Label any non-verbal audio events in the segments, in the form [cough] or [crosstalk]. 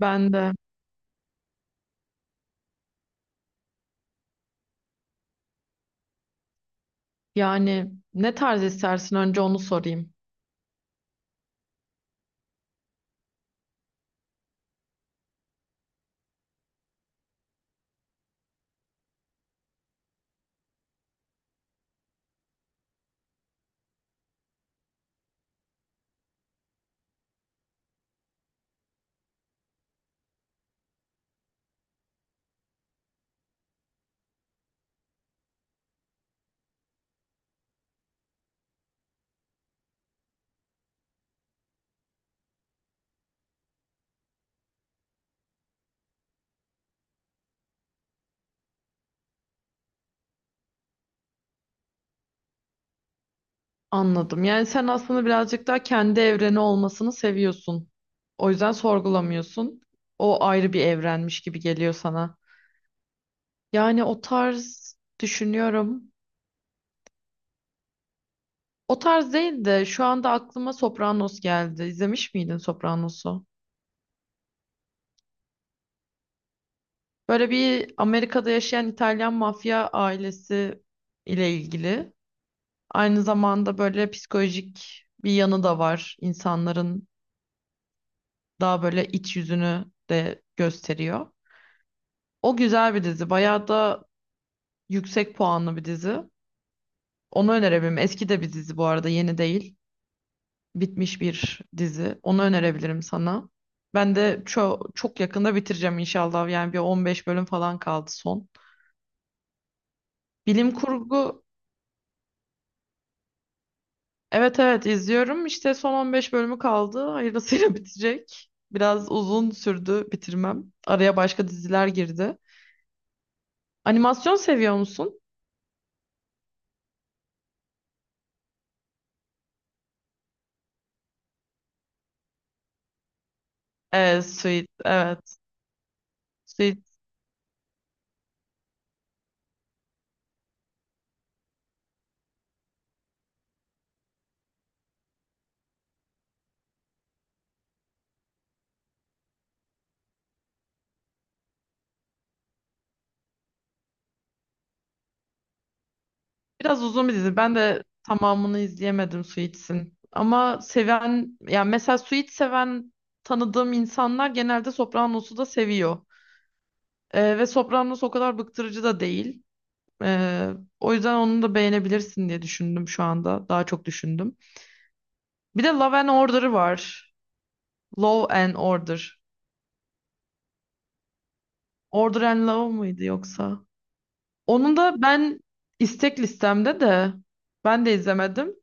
Ben de yani ne tarz istersin, önce onu sorayım. Anladım. Yani sen aslında birazcık daha kendi evreni olmasını seviyorsun. O yüzden sorgulamıyorsun. O ayrı bir evrenmiş gibi geliyor sana. Yani o tarz düşünüyorum. O tarz değil de şu anda aklıma Sopranos geldi. İzlemiş miydin Sopranos'u? Böyle bir Amerika'da yaşayan İtalyan mafya ailesi ile ilgili. Aynı zamanda böyle psikolojik bir yanı da var insanların, daha böyle iç yüzünü de gösteriyor. O güzel bir dizi. Bayağı da yüksek puanlı bir dizi. Onu önerebilirim. Eski de bir dizi bu arada, yeni değil. Bitmiş bir dizi. Onu önerebilirim sana. Ben de çok çok yakında bitireceğim inşallah. Yani bir 15 bölüm falan kaldı son. Bilim kurgu, evet, izliyorum. İşte son 15 bölümü kaldı. Hayırlısıyla [laughs] bitecek. Biraz uzun sürdü bitirmem. Araya başka diziler girdi. Animasyon seviyor musun? Evet, Sweet. Evet. Suits biraz uzun bir dizi. Ben de tamamını izleyemedim Suits'in. Ama seven, yani mesela Suits seven tanıdığım insanlar genelde Sopranos'u da seviyor. Ve Sopranos o kadar bıktırıcı da değil. Ee, O yüzden onu da beğenebilirsin diye düşündüm şu anda. Daha çok düşündüm. Bir de Love and Order var. Law and Order. Order and Love mıydı yoksa? Onun da ben istek listemde de ben de izlemedim.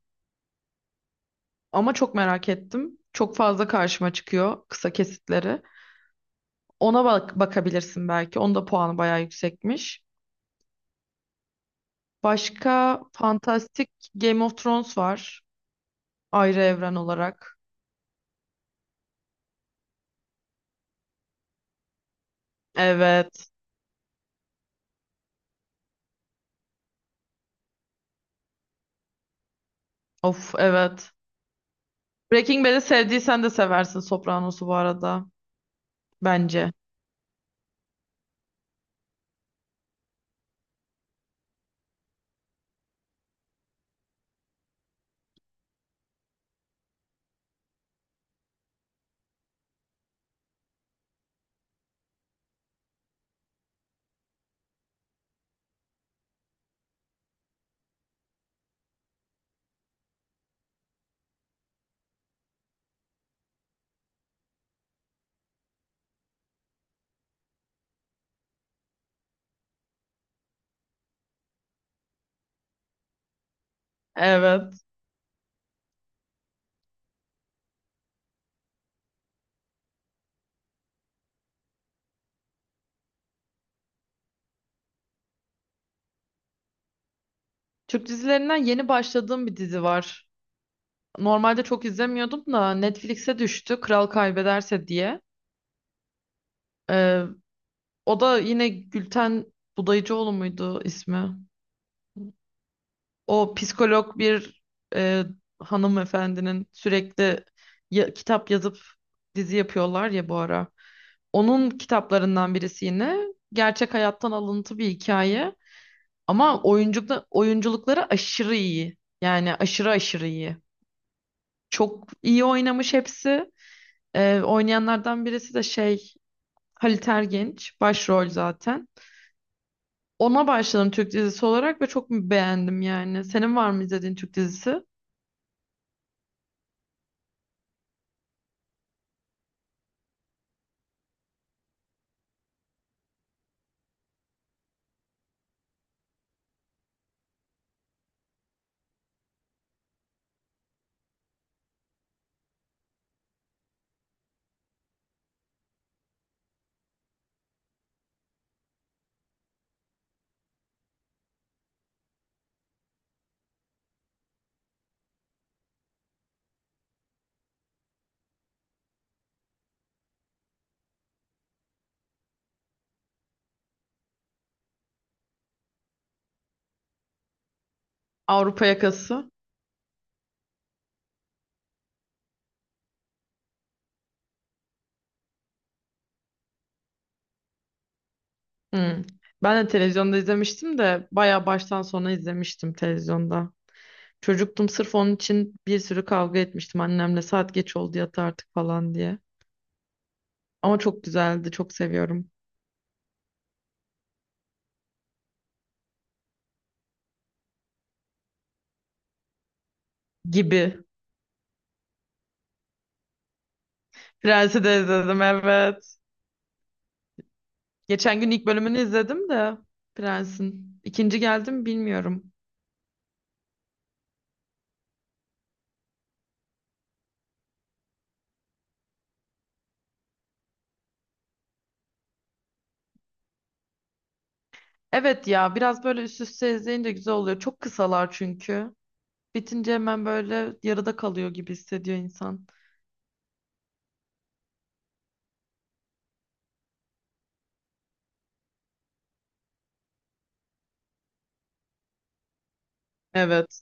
Ama çok merak ettim. Çok fazla karşıma çıkıyor kısa kesitleri. Ona bak, bakabilirsin belki. Onun da puanı bayağı yüksekmiş. Başka fantastik Game of Thrones var. Ayrı evren olarak. Evet. Of, evet. Breaking Bad'i sevdiysen de seversin Sopranos'u bu arada. Bence. Evet. Türk dizilerinden yeni başladığım bir dizi var. Normalde çok izlemiyordum da Netflix'e düştü. Kral Kaybederse diye. Ee, O da yine Gülten Budayıcıoğlu muydu ismi? O psikolog bir, e, hanımefendinin sürekli kitap yazıp dizi yapıyorlar ya bu ara. Onun kitaplarından birisi yine gerçek hayattan alıntı bir hikaye, ama oyunculukta oyunculukları aşırı iyi. Yani aşırı aşırı iyi. Çok iyi oynamış hepsi. Oynayanlardan birisi de Halit Ergenç başrol zaten. Ona başladım Türk dizisi olarak ve çok beğendim yani. Senin var mı izlediğin Türk dizisi? Avrupa Yakası. Hmm. Ben de televizyonda izlemiştim de bayağı baştan sona izlemiştim televizyonda. Çocuktum, sırf onun için bir sürü kavga etmiştim annemle, saat geç oldu yat artık falan diye. Ama çok güzeldi, çok seviyorum gibi. Prens'i de izledim, evet. Geçen gün ilk bölümünü izledim de Prens'in. İkinci geldi mi bilmiyorum. Evet ya, biraz böyle üst üste izleyince güzel oluyor. Çok kısalar çünkü. Bitince hemen böyle yarıda kalıyor gibi hissediyor insan. Evet.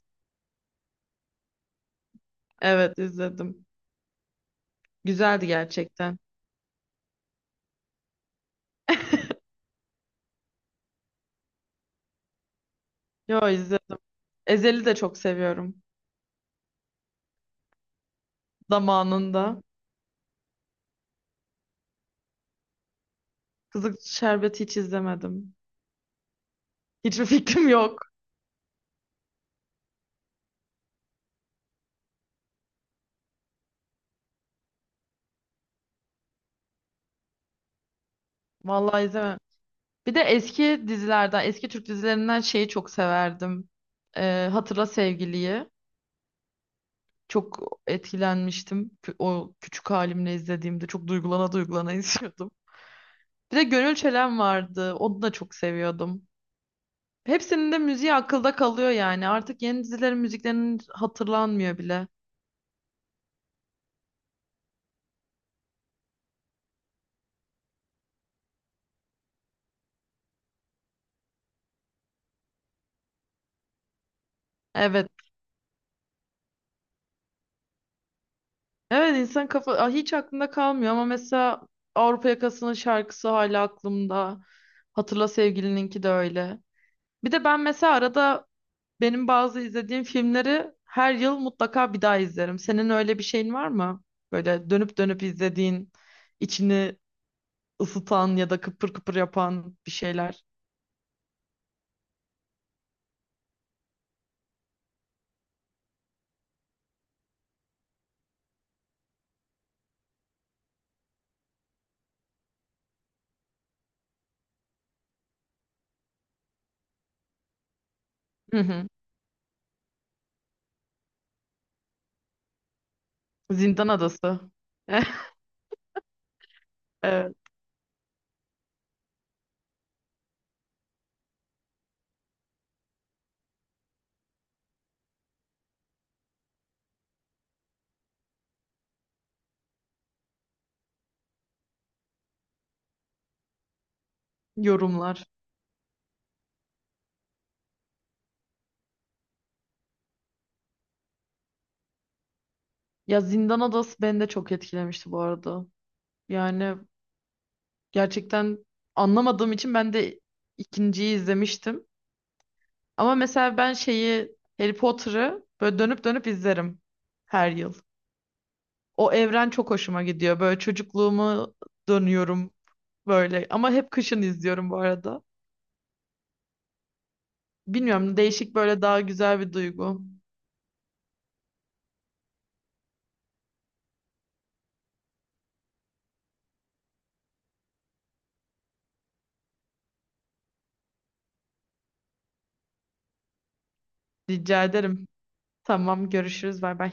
Evet, izledim. Güzeldi gerçekten. [laughs] Yo, izledim. Ezel'i de çok seviyorum. Zamanında. Kızık Şerbeti hiç izlemedim. Hiçbir fikrim yok. Vallahi izlemem. Bir de eski dizilerden, eski Türk dizilerinden şeyi çok severdim. Hatırla Sevgili'yi. Çok etkilenmiştim. O küçük halimle izlediğimde çok duygulana duygulana [laughs] izliyordum. Bir de Gönül Çelen vardı. Onu da çok seviyordum. Hepsinin de müziği akılda kalıyor yani. Artık yeni dizilerin müziklerinin hatırlanmıyor bile. Evet. Evet insan kafa, aa, hiç aklında kalmıyor ama mesela Avrupa Yakası'nın şarkısı hala aklımda. Hatırla Sevgili'ninki de öyle. Bir de ben mesela arada, benim bazı izlediğim filmleri her yıl mutlaka bir daha izlerim. Senin öyle bir şeyin var mı? Böyle dönüp dönüp izlediğin, içini ısıtan ya da kıpır kıpır yapan bir şeyler. Hı hı. Zindan Adası. [laughs] Evet, yorumlar. Ya, Zindan Adası beni de çok etkilemişti bu arada. Yani gerçekten anlamadığım için ben de ikinciyi izlemiştim. Ama mesela ben şeyi Harry Potter'ı böyle dönüp dönüp izlerim her yıl. O evren çok hoşuma gidiyor. Böyle çocukluğumu dönüyorum böyle. Ama hep kışın izliyorum bu arada. Bilmiyorum, değişik, böyle daha güzel bir duygu. Rica ederim. Tamam, görüşürüz. Bay bay.